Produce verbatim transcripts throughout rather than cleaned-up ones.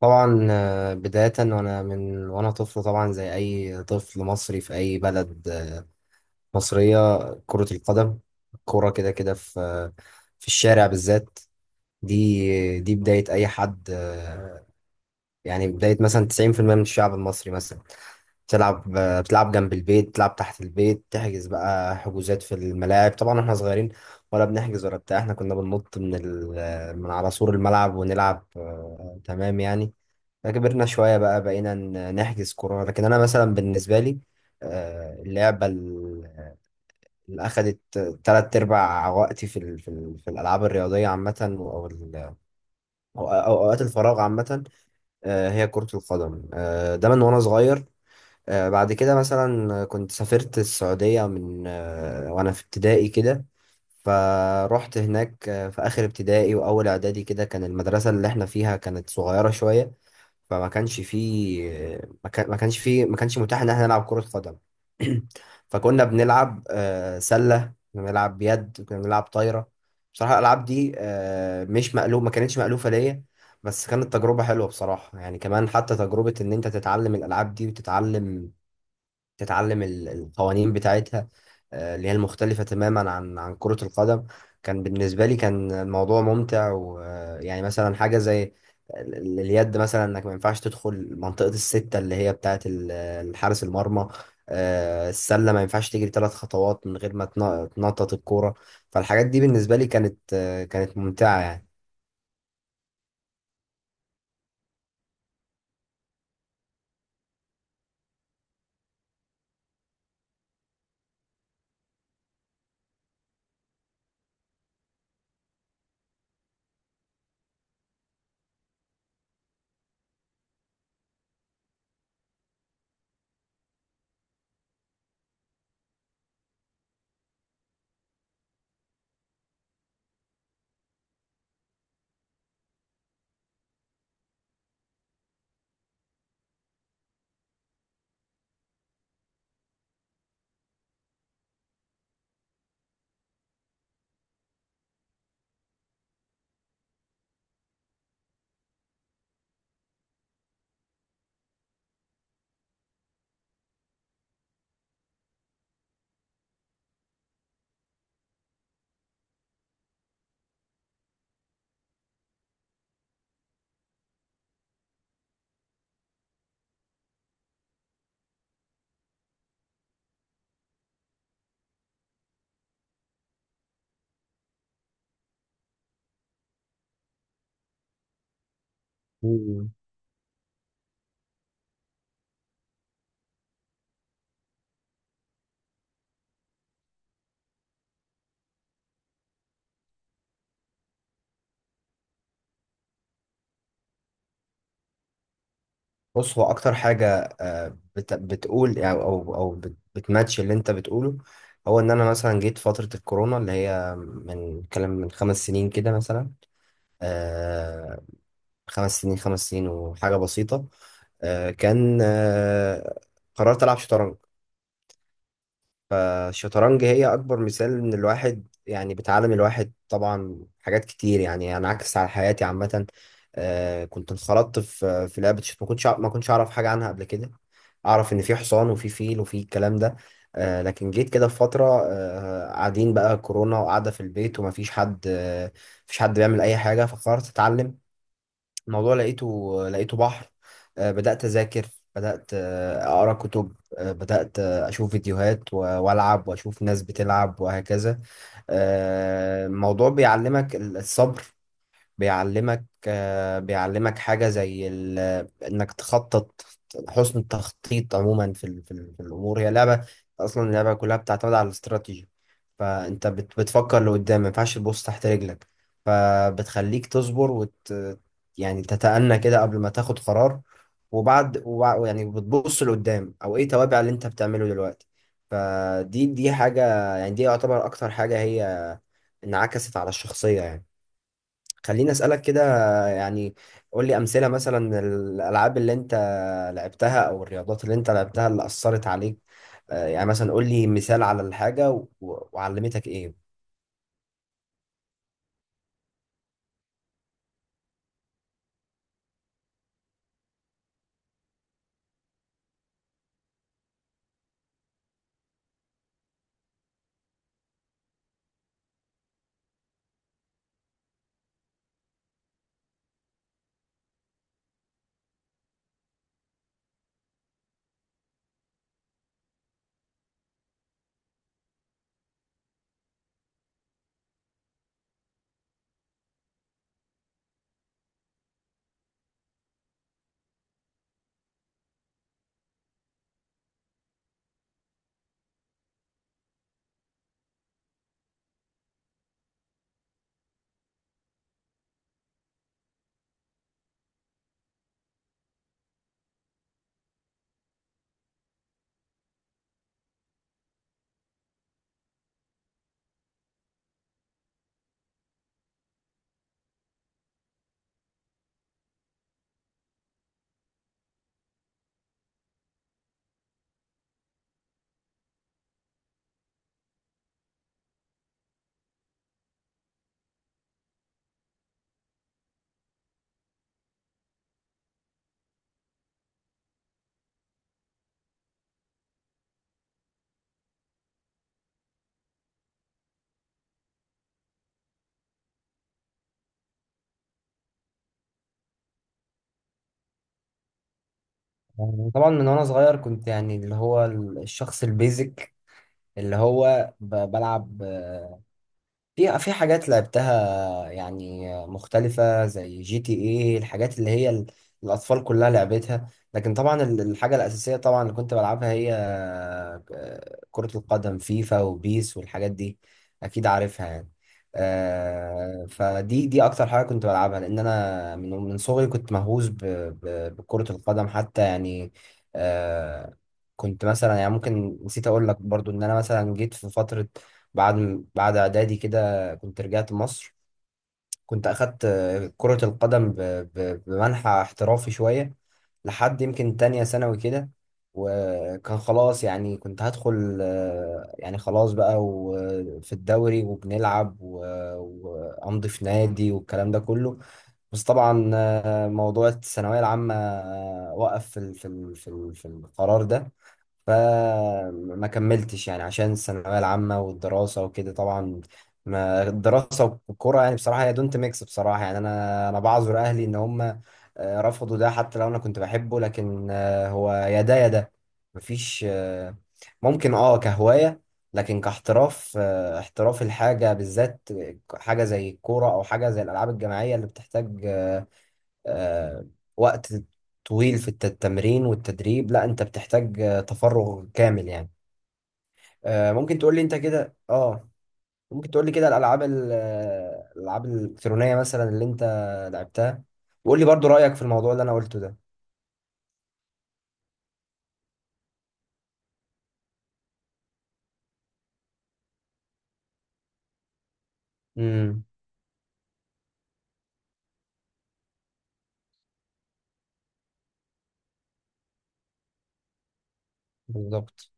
طبعا، آه، بداية وأنا من وأنا طفل، طبعا زي أي طفل مصري في أي بلد آه، مصرية. كرة القدم. كرة كده كده، في آه، في الشارع بالذات. دي دي بداية أي حد. آه، يعني بداية مثلا تسعين في المية من الشعب المصري مثلا بتلعب. آه، بتلعب جنب البيت، بتلعب تحت البيت، تحجز بقى حجوزات في الملاعب. طبعا احنا صغيرين، ولا بنحجز ولا بتاع، احنا كنا بننط من ال... من على سور الملعب ونلعب. آه، تمام يعني. كبرنا شوية بقى، بقينا ن- نحجز كورة، لكن أنا مثلا بالنسبة لي، آه، اللعبة ال- اللي أخدت تلات أرباع وقتي في ال- في ال- في الألعاب الرياضية عامة، أو ال- أو أو أوقات الفراغ عامة، آه، هي كرة القدم. آه، ده من وأنا صغير. آه، بعد كده مثلا كنت سافرت السعودية، من آه، وأنا في ابتدائي كده. فروحت هناك آه، في آخر ابتدائي وأول إعدادي كده. كان المدرسة اللي إحنا فيها كانت صغيرة شوية، فما كانش فيه، آه، ما كان- ما كانش فيه، ما كانش متاح إن إحنا نلعب كرة قدم. فكنا بنلعب آه، سلة، كنا بنلعب يد، كنا بنلعب طايرة. بصراحة الألعاب دي آه، مش مألوف، ما كانتش مألوفة ليا، بس كانت تجربة حلوة بصراحة. يعني كمان حتى تجربة إن أنت تتعلم الألعاب دي وتتعلم، تتعلم ال- القوانين بتاعتها، آه، اللي هي المختلفة تماما عن عن كرة القدم. كان بالنسبة لي كان الموضوع ممتع. ويعني مثلا حاجة زي ال- ال- اليد، مثلا انك ما ينفعش تدخل منطقة الستة اللي هي بتاعة ال- الحارس المرمى. آه، السلة ما ينفعش تجري ثلاث خطوات من غير ما تن- تنطط الكورة. فالحاجات دي بالنسبة لي كانت، آه، كانت ممتعة يعني. بص، هو اكتر حاجه آه، بت- بتقول، او او او بت- بتماتش اللي انت بتقوله، هو ان انا مثلا جيت فتره الكورونا اللي هي من كلام من خمس سنين كده مثلا. آه، خمس سنين، خمس سنين وحاجه بسيطه. آه، كان آه، قررت العب شطرنج. فالشطرنج هي أكبر مثال إن الواحد، يعني بتعلم الواحد طبعا حاجات كتير، يعني أنا عكس على حياتي عامة. آه، كنت انخرطت في في لعبة الشط، ما كنتش أع- ما كنتش أعرف حاجة عنها قبل كده. أعرف إن في حصان وفي فيل وفي الكلام ده. آه، لكن جيت كده في فترة، آه، قاعدين بقى كورونا وقاعدة في البيت، ومفيش حد، آه، مفيش حد بيعمل أي حاجة، فقررت أتعلم الموضوع. لقيته لقيته بحر. آه، بدأت أذاكر، بدأت آه، أقرأ كتب، آه، بدأت آه، أشوف فيديوهات و- وألعب وأشوف ناس بتلعب وهكذا. آه، الموضوع بيعلمك ال- الصبر، بيعلمك، آه، بيعلمك حاجة زي ال- إنك تخطط. حسن التخطيط عموما في ال- في ال- في الأمور، هي لعبة أصلا، اللعبة كلها بتعتمد على الاستراتيجي. فأنت بت- بتفكر لقدام، ما ينفعش تبص تحت رجلك. فبتخليك تصبر وت يعني تتأنى كده قبل ما تاخد قرار، وبعد وبع- يعني بتبص لقدام، أو إيه توابع اللي أنت بتعمله دلوقتي. فدي دي حاجة، يعني دي يعتبر أكتر حاجة هي انعكست على الشخصية يعني. خليني أسألك كده، يعني قول لي أمثلة، مثلا الألعاب اللي أنت لعبتها أو الرياضات اللي أنت لعبتها اللي أثرت عليك. آه، يعني مثلا قول لي مثال على الحاجة و- وعلمتك إيه. يعني طبعا من وأنا صغير كنت، يعني اللي هو الشخص البيزك اللي هو ب- بلعب، آه، في في حاجات لعبتها يعني مختلفة زي جي تي ايه، الحاجات اللي هي ال- الأطفال كلها لعبتها. لكن طبعا ال- الحاجة الأساسية طبعا اللي كنت بلعبها هي آه، كرة القدم، فيفا وبيس والحاجات دي، أكيد عارفها يعني. آه، فدي دي أكتر حاجة كنت بلعبها، لأن أنا من من صغري كنت مهووس ب- ب- بكرة القدم حتى يعني. آه، كنت مثلا، يعني ممكن نسيت أقول لك برضو إن أنا مثلا جيت في فترة بعد بعد إعدادي كده كنت رجعت مصر. كنت أخدت آه، كرة القدم ب- ب- بمنحى احترافي شوية، لحد يمكن تانية ثانوي كده. وكان خلاص، يعني كنت هدخل، آه، يعني خلاص بقى، وفي الدوري وبنلعب و- وأمضي في نادي والكلام ده كله. بس طبعا آه، موضوع الثانوية العامة آه، وقف في ال- في ال- في ال- في القرار ده. فما كملتش، يعني عشان الثانوية العامة والدراسة وكده طبعا. ما الدراسة والكورة يعني بصراحة هي دونت ميكس بصراحة. يعني أنا أنا بعذر أهلي إن هم، آه، رفضوا ده، حتى لو أنا كنت بحبه، لكن آه، هو يا ده يا ده، مفيش آه، ممكن أه كهواية، لكن كاحتراف، آه، احتراف الحاجة بالذات، حاجة زي الكورة أو حاجة زي الألعاب الجماعية اللي بتحتاج، آه، آه، وقت طويل في الت- التمرين والتدريب، لا انت بتحتاج آه، تفرغ كامل يعني. آه، ممكن تقول لي انت كده؟ اه ممكن تقول لي كده، الالعاب ال- آه، الالعاب الالكترونيه مثلا اللي انت لعبتها، وقول لي برضو رايك في الموضوع اللي انا قلته ده. امم. بالظبط.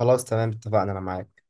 خلاص تمام، اتفقنا، انا معاك.